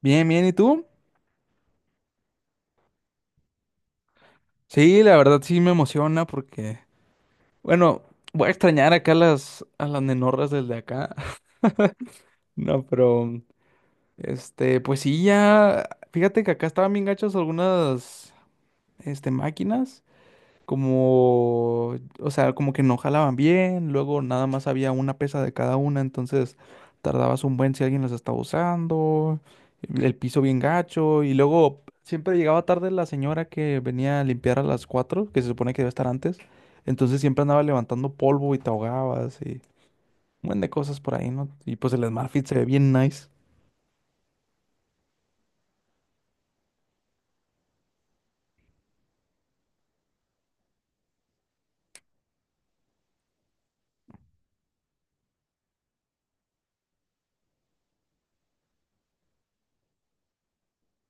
Bien, bien, ¿y tú? Sí, la verdad sí me emociona porque, bueno, voy a extrañar acá a las nenorras desde acá. No, pero, este, pues sí, ya, fíjate que acá estaban bien gachas algunas, este, máquinas. Como, o sea, como que no jalaban bien, luego nada más había una pesa de cada una, entonces tardabas un buen si alguien las estaba usando, el piso bien gacho, y luego siempre llegaba tarde la señora que venía a limpiar a las 4 que se supone que debe estar antes, entonces siempre andaba levantando polvo y te ahogabas y un buen de cosas por ahí, ¿no? Y pues el Smart Fit se ve bien nice.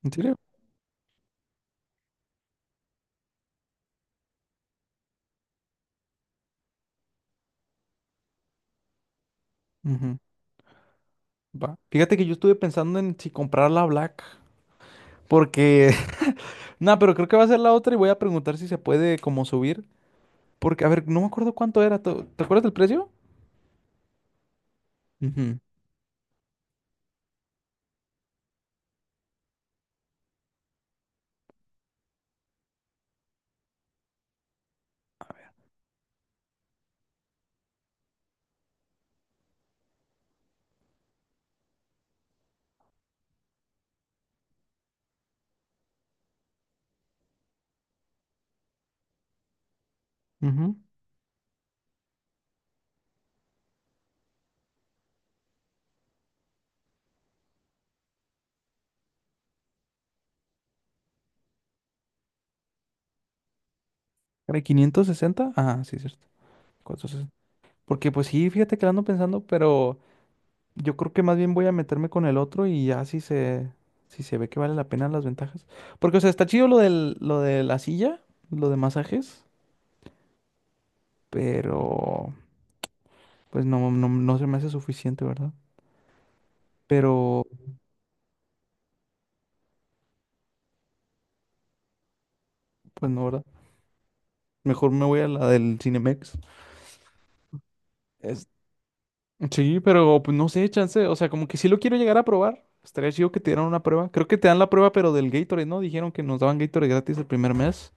¿En serio? Ujú. Va. Fíjate que yo estuve pensando en si comprar la Black, porque... No, pero creo que va a ser la otra y voy a preguntar si se puede como subir. Porque, a ver, no me acuerdo cuánto era. ¿Te acuerdas del precio? Ujú, ujú. ¿Era 560? Ah, sí, cierto. 460. Porque pues sí, fíjate que lo ando pensando, pero yo creo que más bien voy a meterme con el otro y ya si se, si se ve que vale la pena las ventajas. Porque, o sea, está chido lo del, lo de la silla, lo de masajes, pero pues no, no, no se me hace suficiente, ¿verdad? Pero, pues no, ¿verdad? Mejor me voy a la del Cinemex. Sí, pero pues no sé, chance. O sea, como que sí lo quiero llegar a probar. Estaría chido que te dieran una prueba. Creo que te dan la prueba, pero del Gatorade, ¿no? Dijeron que nos daban Gatorade gratis el primer mes.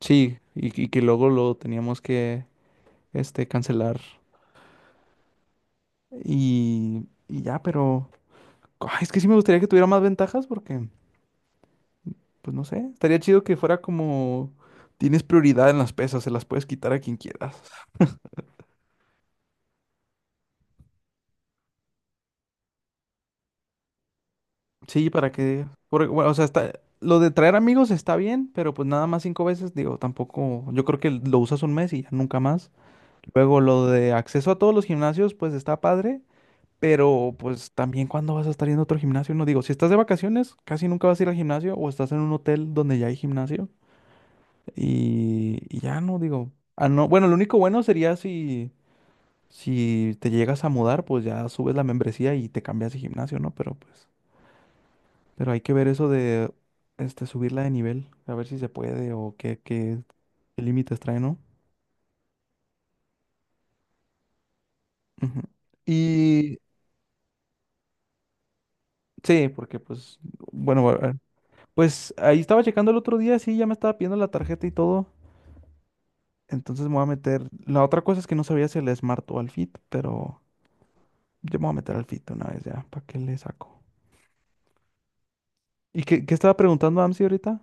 Sí, y que luego lo teníamos que, este, cancelar. Y ya, pero... Ay, es que sí me gustaría que tuviera más ventajas porque, pues no sé, estaría chido que fuera como... Tienes prioridad en las pesas, se las puedes quitar a quien quieras. Sí, para que, porque, bueno, o sea, está, lo de traer amigos está bien, pero pues nada más cinco veces, digo, tampoco, yo creo que lo usas un mes y ya nunca más. Luego lo de acceso a todos los gimnasios, pues está padre, pero pues también cuando vas a estar yendo a otro gimnasio, no digo, si estás de vacaciones, casi nunca vas a ir al gimnasio o estás en un hotel donde ya hay gimnasio y ya no, digo, ah, no, bueno, lo único bueno sería si, si te llegas a mudar, pues ya subes la membresía y te cambias de gimnasio, ¿no? Pero pues... Pero hay que ver eso de este, subirla de nivel, a ver si se puede o qué, qué límites trae, ¿no? Ujú. Y sí, porque pues, bueno, pues ahí estaba checando el otro día, sí, ya me estaba pidiendo la tarjeta y todo. Entonces me voy a meter. La otra cosa es que no sabía si al Smart o al Fit, pero yo me voy a meter al Fit una vez ya, ¿para qué le saco? ¿Y qué, qué estaba preguntando Amsi ahorita?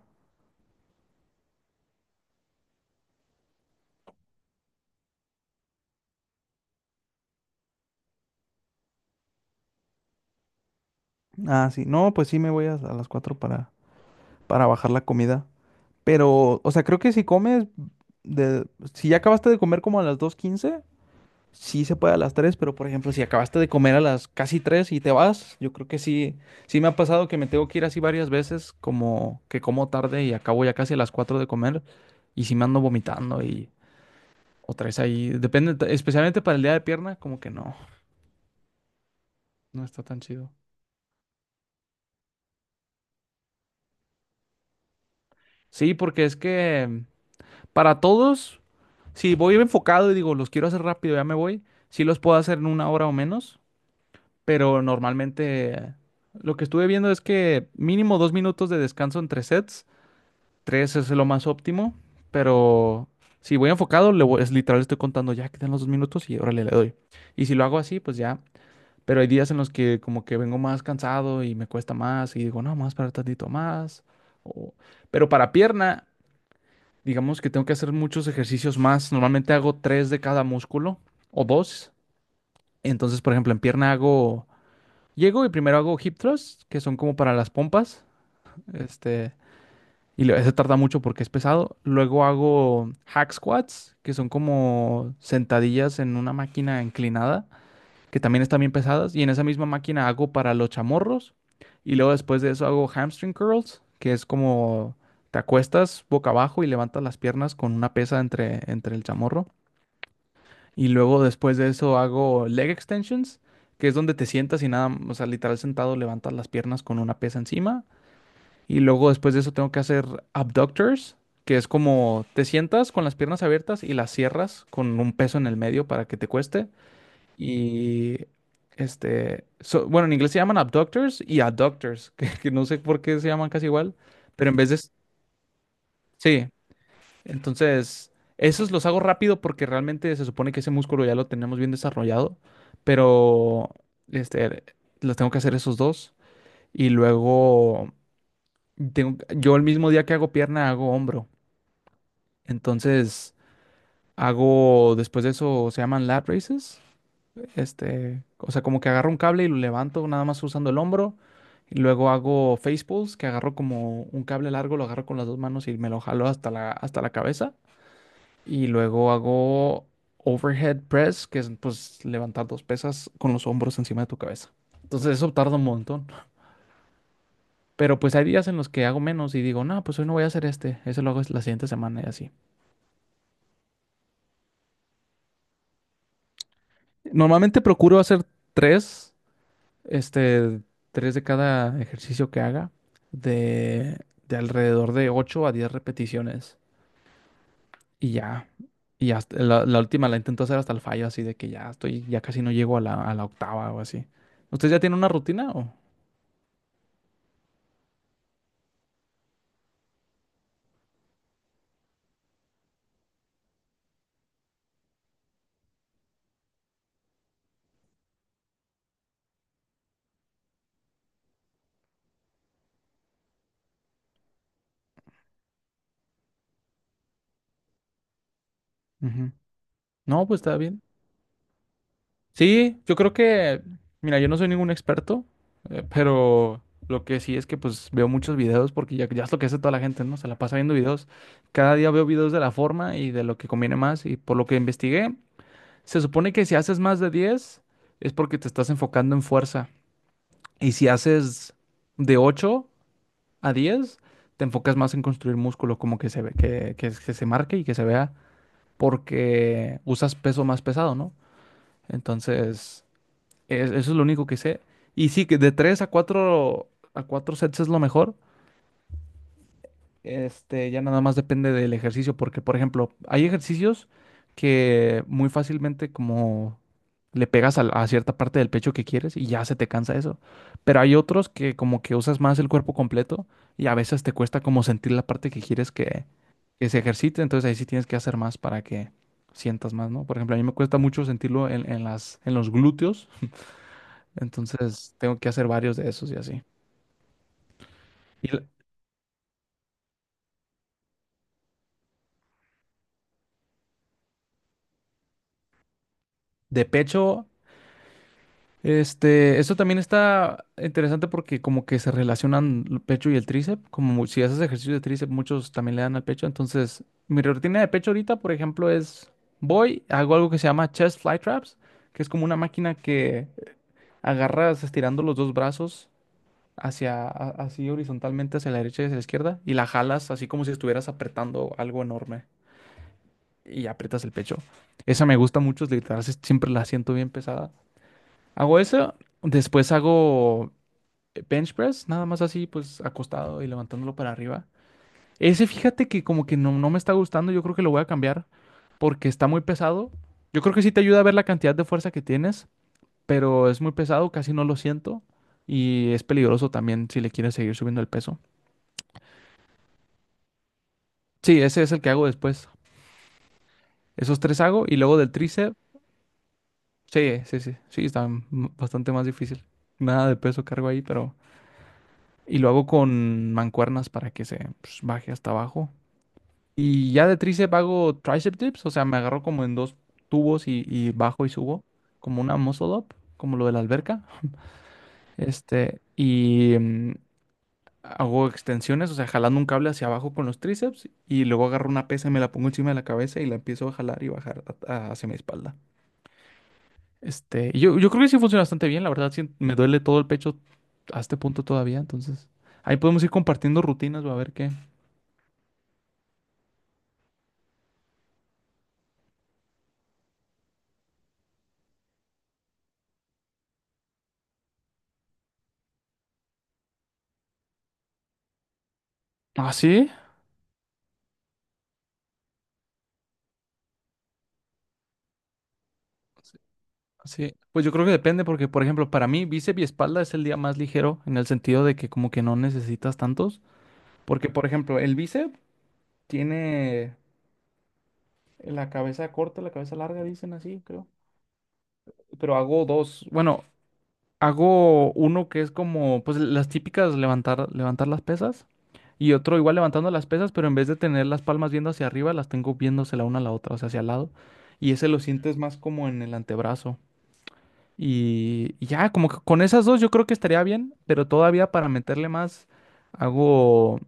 Ah, sí, no, pues sí me voy a las 4 para bajar la comida. Pero, o sea, creo que si comes, de, si ya acabaste de comer como a las dos quince, sí se puede a las 3, pero por ejemplo, si acabaste de comer a las casi 3 y te vas, yo creo que sí, sí me ha pasado que me tengo que ir así varias veces, como que como tarde y acabo ya casi a las 4 de comer y sí me ando vomitando y otra vez ahí, depende, especialmente para el día de pierna, como que no, no está tan chido. Sí, porque es que para todos, si voy enfocado y digo, los quiero hacer rápido, ya me voy, sí los puedo hacer en una hora o menos. Pero normalmente lo que estuve viendo es que mínimo dos minutos de descanso entre sets, tres es lo más óptimo, pero si voy enfocado, es literal, estoy contando ya, quedan los dos minutos y órale, le doy. Y si lo hago así, pues ya, pero hay días en los que como que vengo más cansado y me cuesta más y digo, no, más para tantito más. o- Pero para pierna, digamos que tengo que hacer muchos ejercicios más, normalmente hago tres de cada músculo o dos, entonces por ejemplo en pierna hago... Llego y primero hago hip thrust, que son como para las pompas. Este, ese tarda mucho porque es pesado. Luego hago hack squats, que son como sentadillas en una máquina inclinada, que también están bien pesadas. Y en esa misma máquina hago para los chamorros. Y luego después de eso hago hamstring curls, que es como te acuestas boca abajo y levantas las piernas con una pesa entre el chamorro. Y luego después de eso hago leg extensions, que es donde te sientas y nada, o sea, literal sentado levantas las piernas con una pesa encima. Y luego después de eso tengo que hacer abductors, que es como te sientas con las piernas abiertas y las cierras con un peso en el medio para que te cueste. Y este, bueno, en inglés se llaman abductors y adductors, que no sé por qué se llaman casi igual, pero sí, entonces, esos los hago rápido porque realmente se supone que ese músculo ya lo tenemos bien desarrollado, pero este, los tengo que hacer esos dos y luego yo el mismo día que hago pierna hago hombro. Entonces, hago después de eso se llaman lat raises, este, o sea, como que agarro un cable y lo levanto nada más usando el hombro. Y luego hago face pulls, que agarro como un cable largo, lo agarro con las dos manos y me lo jalo hasta la cabeza. Y luego hago overhead press, que es pues levantar dos pesas con los hombros encima de tu cabeza. Entonces eso tarda un montón. Pero pues hay días en los que hago menos y digo, no, pues hoy no voy a hacer este. Ese lo hago la siguiente semana y así. Normalmente procuro hacer tres, este, tres de cada ejercicio que haga, de, de alrededor de 8 a 10 repeticiones. Y ya. La última la intento hacer hasta el fallo, así de que ya estoy, ya casi no llego a la octava o así. ¿Usted ya tiene una rutina o? Ujú. No, pues está bien. Sí, yo creo que, mira, yo no soy ningún experto, pero lo que sí es que pues veo muchos videos porque ya, ya es lo que hace toda la gente, ¿no? Se la pasa viendo videos. Cada día veo videos de la forma y de lo que conviene más y por lo que investigué, se supone que si haces más de 10 es porque te estás enfocando en fuerza y si haces de 8 a 10 te enfocas más en construir músculo, como que se ve, que, que se marque y que se vea porque usas peso más pesado, ¿no? Entonces, eso es lo único que sé. Y sí, que de 3 a cuatro sets es lo mejor. Este, ya nada más depende del ejercicio, porque, por ejemplo, hay ejercicios que muy fácilmente como le pegas a cierta parte del pecho que quieres y ya se te cansa eso. Pero hay otros que como que usas más el cuerpo completo y a veces te cuesta como sentir la parte que quieres que se ejercite, entonces ahí sí tienes que hacer más para que sientas más, ¿no? Por ejemplo, a mí me cuesta mucho sentirlo en, en los glúteos, entonces tengo que hacer varios de esos y así. Y l- de pecho, este, eso también está interesante porque como que se relacionan el pecho y el tríceps, si haces ejercicio de tríceps, muchos también le dan al pecho. Entonces, mi rutina de pecho ahorita, por ejemplo, es voy, hago algo que se llama chest fly traps, que es como una máquina que agarras estirando los dos brazos así horizontalmente hacia la derecha y hacia la izquierda y la jalas así como si estuvieras apretando algo enorme. Y aprietas el pecho. Esa me gusta mucho, es literal, siempre la siento bien pesada. Hago eso, después hago bench press, nada más así, pues acostado y levantándolo para arriba. Ese fíjate que como que no, no me está gustando, yo creo que lo voy a cambiar porque está muy pesado. Yo creo que sí te ayuda a ver la cantidad de fuerza que tienes, pero es muy pesado, casi no lo siento y es peligroso también si le quieres seguir subiendo el peso. Sí, ese es el que hago después. Esos tres hago y luego del tríceps. Sí, sí, sí, sí, bastante más difícil. Nada de peso cargo ahí, pero... Y lo hago con mancuernas para que se pues, baje hasta abajo. Y ya de tríceps hago tricep dips, o sea, me agarro como en dos tubos y bajo y subo, como una muscle up, como lo de la alberca. Este, y hago extensiones, o sea, jalando un cable hacia abajo con los tríceps y luego agarro una pesa y me la pongo encima de la cabeza y la empiezo a jalar y bajar hacia mi espalda. Este, y yo creo que sí funciona bastante bien, la verdad, sí, me duele todo el pecho a este punto todavía, entonces ahí podemos ir compartiendo rutinas, va a ver qué. Ah, sí, sí, pues yo creo que depende porque, por ejemplo, para mí bíceps y espalda es el día más ligero en el sentido de que como que no necesitas tantos, porque, por ejemplo, el bíceps tiene la cabeza corta, la cabeza larga, dicen así, creo, pero hago dos, bueno, hago uno que es como, pues las típicas levantar, levantar las pesas y otro igual levantando las pesas, pero en vez de tener las palmas viendo hacia arriba, las tengo viéndose la una a la otra, o sea, hacia el lado. Y ese lo sientes más como en el antebrazo. Y ya, como que con esas dos yo creo que estaría bien, pero todavía para meterle más, hago,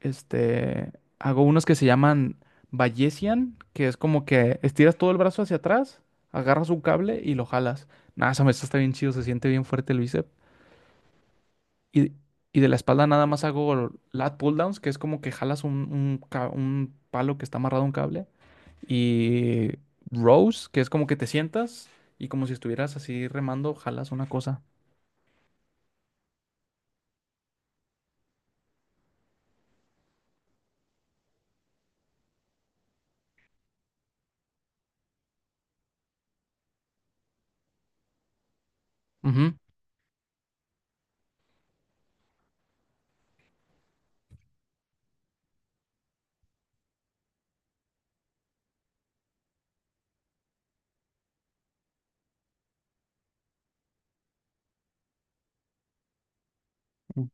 este, hago unos que se llaman Bayesian, que es como que estiras todo el brazo hacia atrás, agarras un cable y lo jalas. Nada, esa me está bien chido, se siente bien fuerte el bíceps. Y, y de la espalda nada más hago lat pull downs, que es como que jalas un un palo que está amarrado a un cable. Y rows, que es como que te sientas y como si estuvieras así remando, jalas una cosa. Ujú, ujú,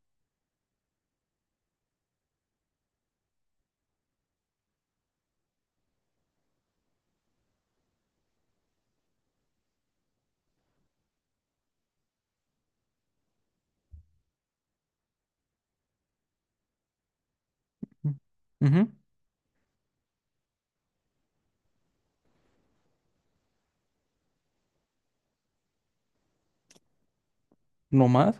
ujú. No más.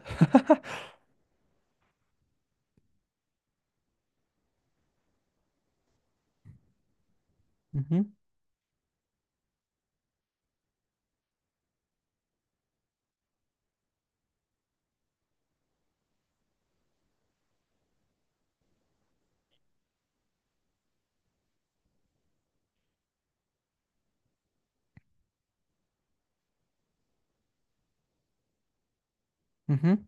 Ujú, ujú.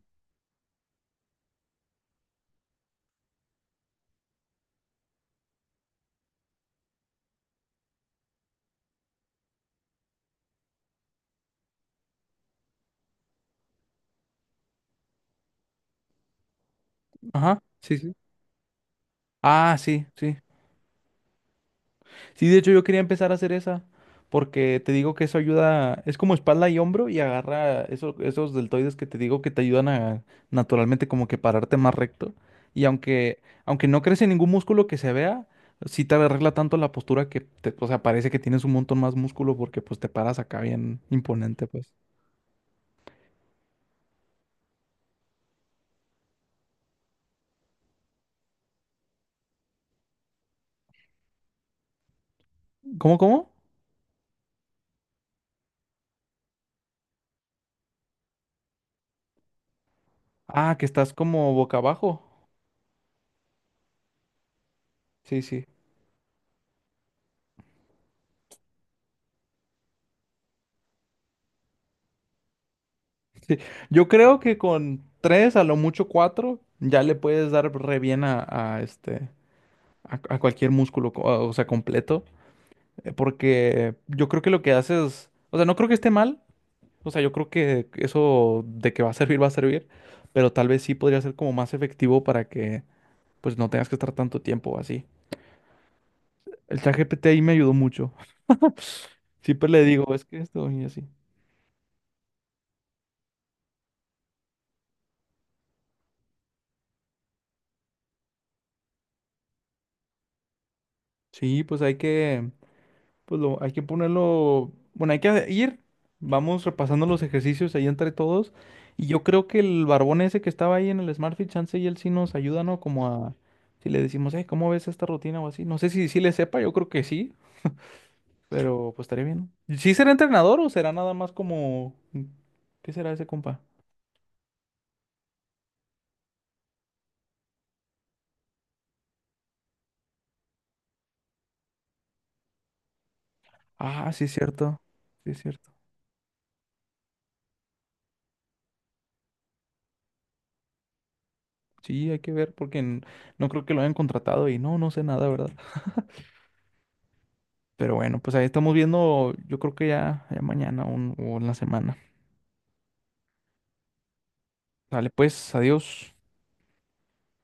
Ajá. Sí, sí. Ah, sí, sí. Sí, de hecho yo quería empezar a hacer esa, porque te digo que eso ayuda, es como espalda y hombro y agarra esos deltoides que te digo que te ayudan a naturalmente como que pararte más recto. Y aunque no crece ningún músculo que se vea, sí te arregla tanto la postura que te, o sea, parece que tienes un montón más músculo porque pues te paras acá bien imponente, pues. ¿Cómo, cómo? Ah, que estás como boca abajo. Sí, sí. Sí. Yo creo que con tres, a lo mucho cuatro, ya le puedes dar re bien a este. A, a cualquier músculo, o sea, completo, porque yo creo que lo que haces, o sea, no creo que esté mal, o sea, yo creo que eso de que va a servir, pero tal vez sí podría ser como más efectivo para que, pues, no tengas que estar tanto tiempo así. El ChatGPT ahí me ayudó mucho. Siempre le digo, es que esto y así. Sí, pues hay que... Pues lo, hay que ponerlo, bueno, hay que ir, vamos repasando los ejercicios ahí entre todos. Y yo creo que el barbón ese que estaba ahí en el SmartFit, chance y él sí nos ayuda, ¿no? Como a, si le decimos, hey, ¿cómo ves esta rutina o así? No sé si sí le sepa, yo creo que sí, pero pues estaría bien, ¿no? ¿Sí será entrenador o será nada más como, qué será ese compa? Ah, sí es cierto, sí es cierto. Sí, hay que ver porque no creo que lo hayan contratado y no, no sé nada, ¿verdad? Pero bueno, pues ahí estamos viendo, yo creo que ya, ya mañana o en la semana. Dale, pues, adiós.